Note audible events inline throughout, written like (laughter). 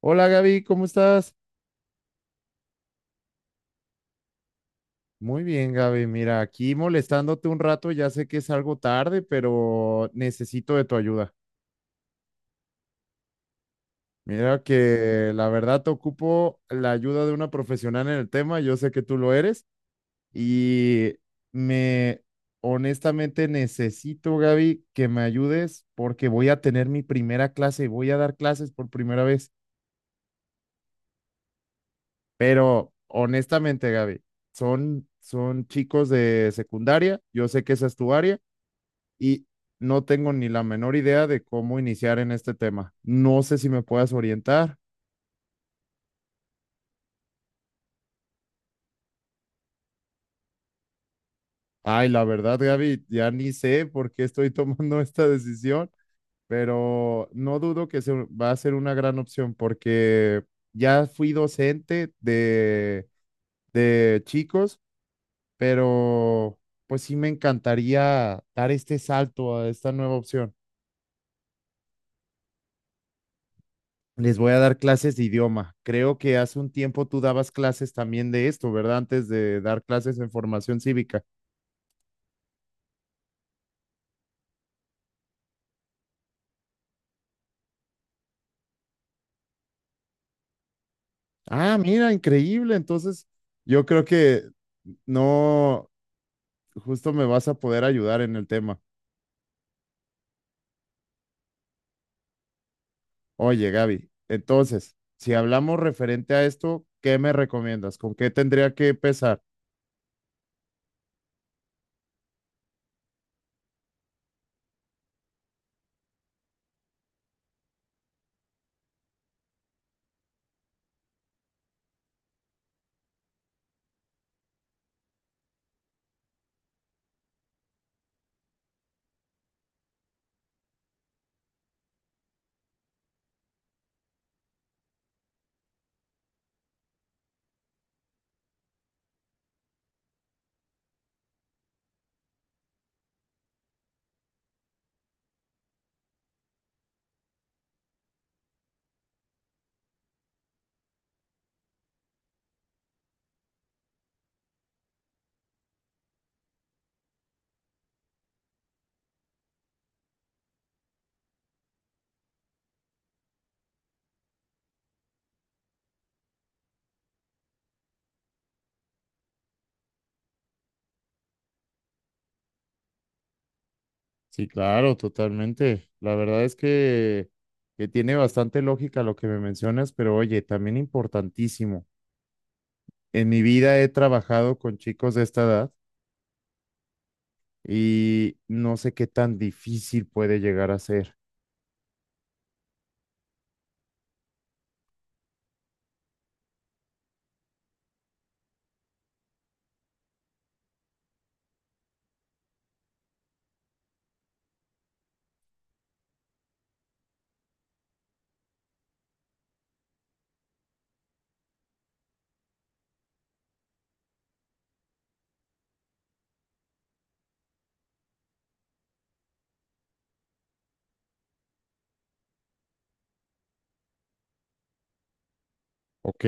Hola Gaby, ¿cómo estás? Muy bien, Gaby. Mira, aquí molestándote un rato, ya sé que es algo tarde, pero necesito de tu ayuda. Mira que la verdad te ocupo la ayuda de una profesional en el tema, yo sé que tú lo eres y me honestamente necesito, Gaby, que me ayudes porque voy a tener mi primera clase, y voy a dar clases por primera vez, pero honestamente, Gaby, son chicos de secundaria, yo sé que esa es tu área. Y no tengo ni la menor idea de cómo iniciar en este tema. No sé si me puedas orientar. Ay, la verdad, Gaby, ya ni sé por qué estoy (laughs) tomando esta decisión, pero no dudo que se va a ser una gran opción porque ya fui docente de chicos, pero pues sí me encantaría dar este salto a esta nueva opción. Les voy a dar clases de idioma. Creo que hace un tiempo tú dabas clases también de esto, ¿verdad? Antes de dar clases en formación cívica. Ah, mira, increíble. Entonces, yo creo que no, justo me vas a poder ayudar en el tema. Oye, Gaby, entonces, si hablamos referente a esto, ¿qué me recomiendas? ¿Con qué tendría que empezar? Sí, claro, totalmente. La verdad es que tiene bastante lógica lo que me mencionas, pero oye, también importantísimo. En mi vida he trabajado con chicos de esta edad y no sé qué tan difícil puede llegar a ser. Ok,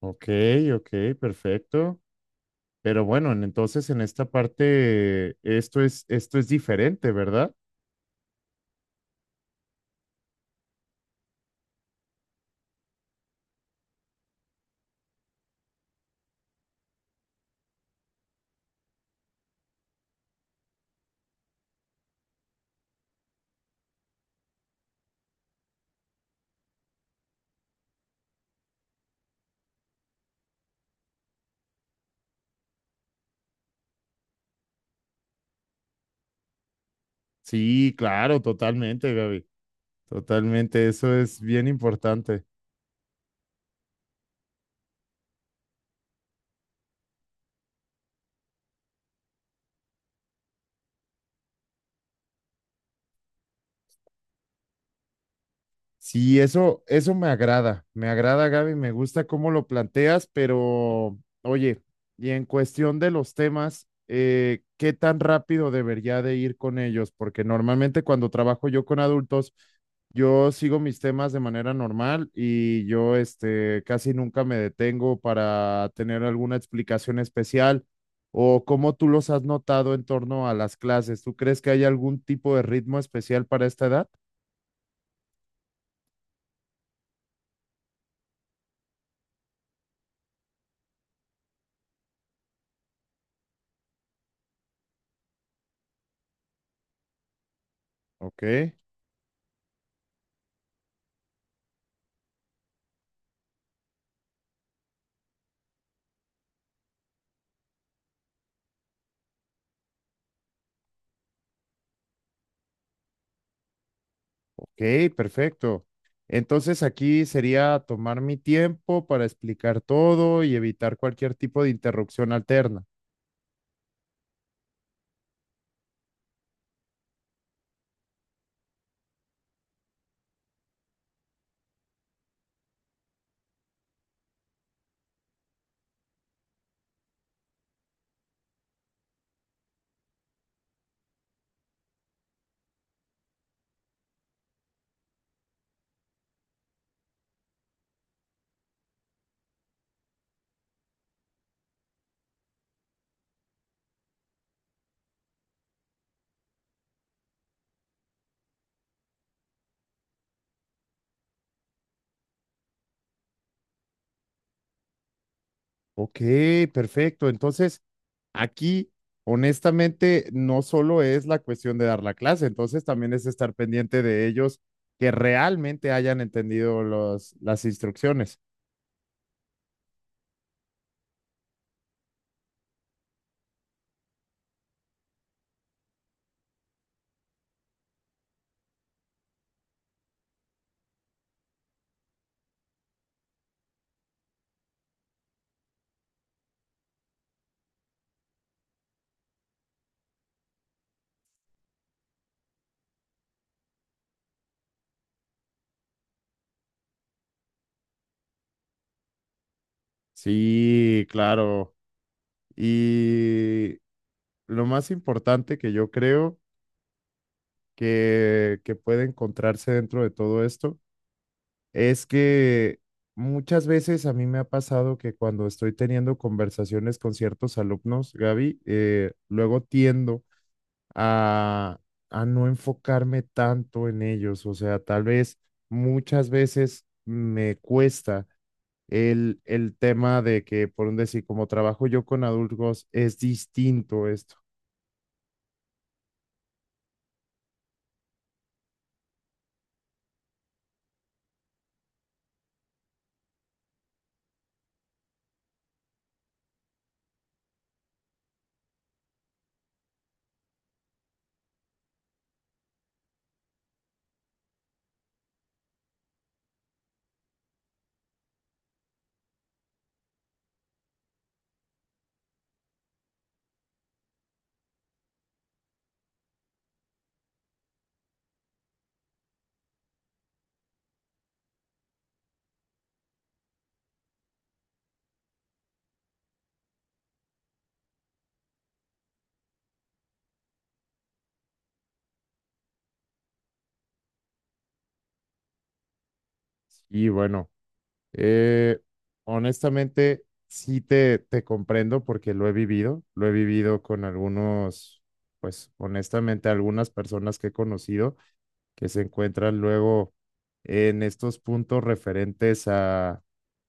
ok, ok, perfecto. Pero bueno, entonces en esta parte esto es diferente, ¿verdad? Sí, claro, totalmente, Gaby. Totalmente, eso es bien importante. Sí, eso me agrada, Gaby, me gusta cómo lo planteas, pero oye, y en cuestión de los temas, ¿qué tan rápido debería de ir con ellos? Porque normalmente cuando trabajo yo con adultos, yo sigo mis temas de manera normal y yo, este, casi nunca me detengo para tener alguna explicación especial o cómo tú los has notado en torno a las clases. ¿Tú crees que hay algún tipo de ritmo especial para esta edad? Ok. Ok, perfecto. Entonces aquí sería tomar mi tiempo para explicar todo y evitar cualquier tipo de interrupción alterna. Ok, perfecto. Entonces aquí, honestamente, no solo es la cuestión de dar la clase, entonces también es estar pendiente de ellos que realmente hayan entendido los, las instrucciones. Sí, claro. Y lo más importante que yo creo que puede encontrarse dentro de todo esto es que muchas veces a mí me ha pasado que cuando estoy teniendo conversaciones con ciertos alumnos, Gaby, luego tiendo a, a no enfocarme tanto en ellos. O sea, tal vez muchas veces me cuesta el tema de que, por un decir, como trabajo yo con adultos, es distinto esto. Y bueno. Eh, Honestamente, sí te comprendo porque lo he vivido con algunos, pues honestamente, algunas personas que he conocido que se encuentran luego en estos puntos referentes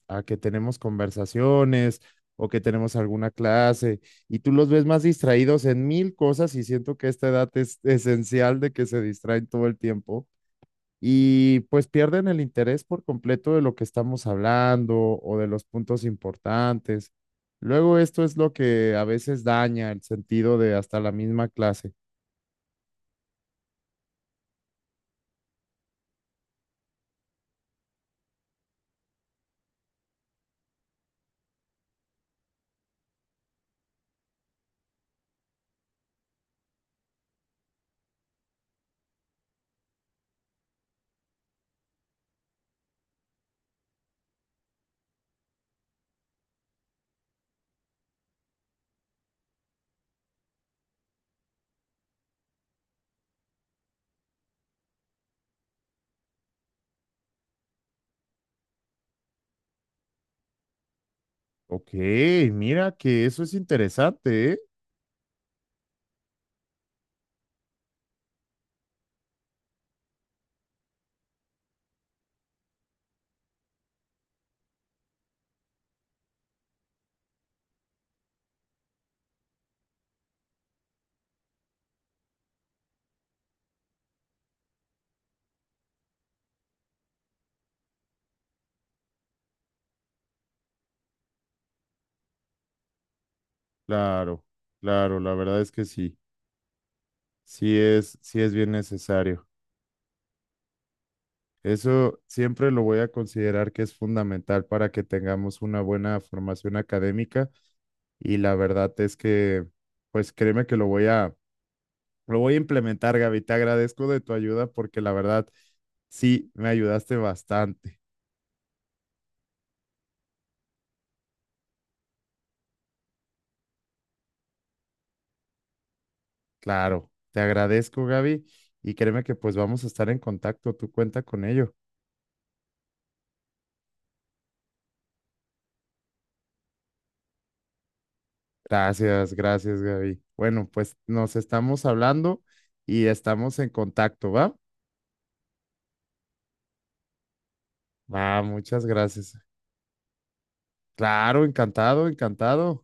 a que tenemos conversaciones o que tenemos alguna clase y tú los ves más distraídos en mil cosas y siento que esta edad es esencial de que se distraen todo el tiempo y pues pierden el interés por completo de lo que estamos hablando o de los puntos importantes. Luego esto es lo que a veces daña el sentido de hasta la misma clase. Ok, mira que eso es interesante, ¿eh? Claro, claro, la verdad es que sí, sí es bien necesario. Eso siempre lo voy a considerar que es fundamental para que tengamos una buena formación académica y la verdad es que, pues créeme que lo voy a, lo voy a implementar, Gaby. Te agradezco de tu ayuda porque la verdad sí me ayudaste bastante. Claro, te agradezco, Gaby. Y créeme que pues vamos a estar en contacto. Tú cuenta con ello. Gracias, gracias, Gaby. Bueno, pues nos estamos hablando y estamos en contacto, ¿va? Va, muchas gracias. Claro, encantado, encantado.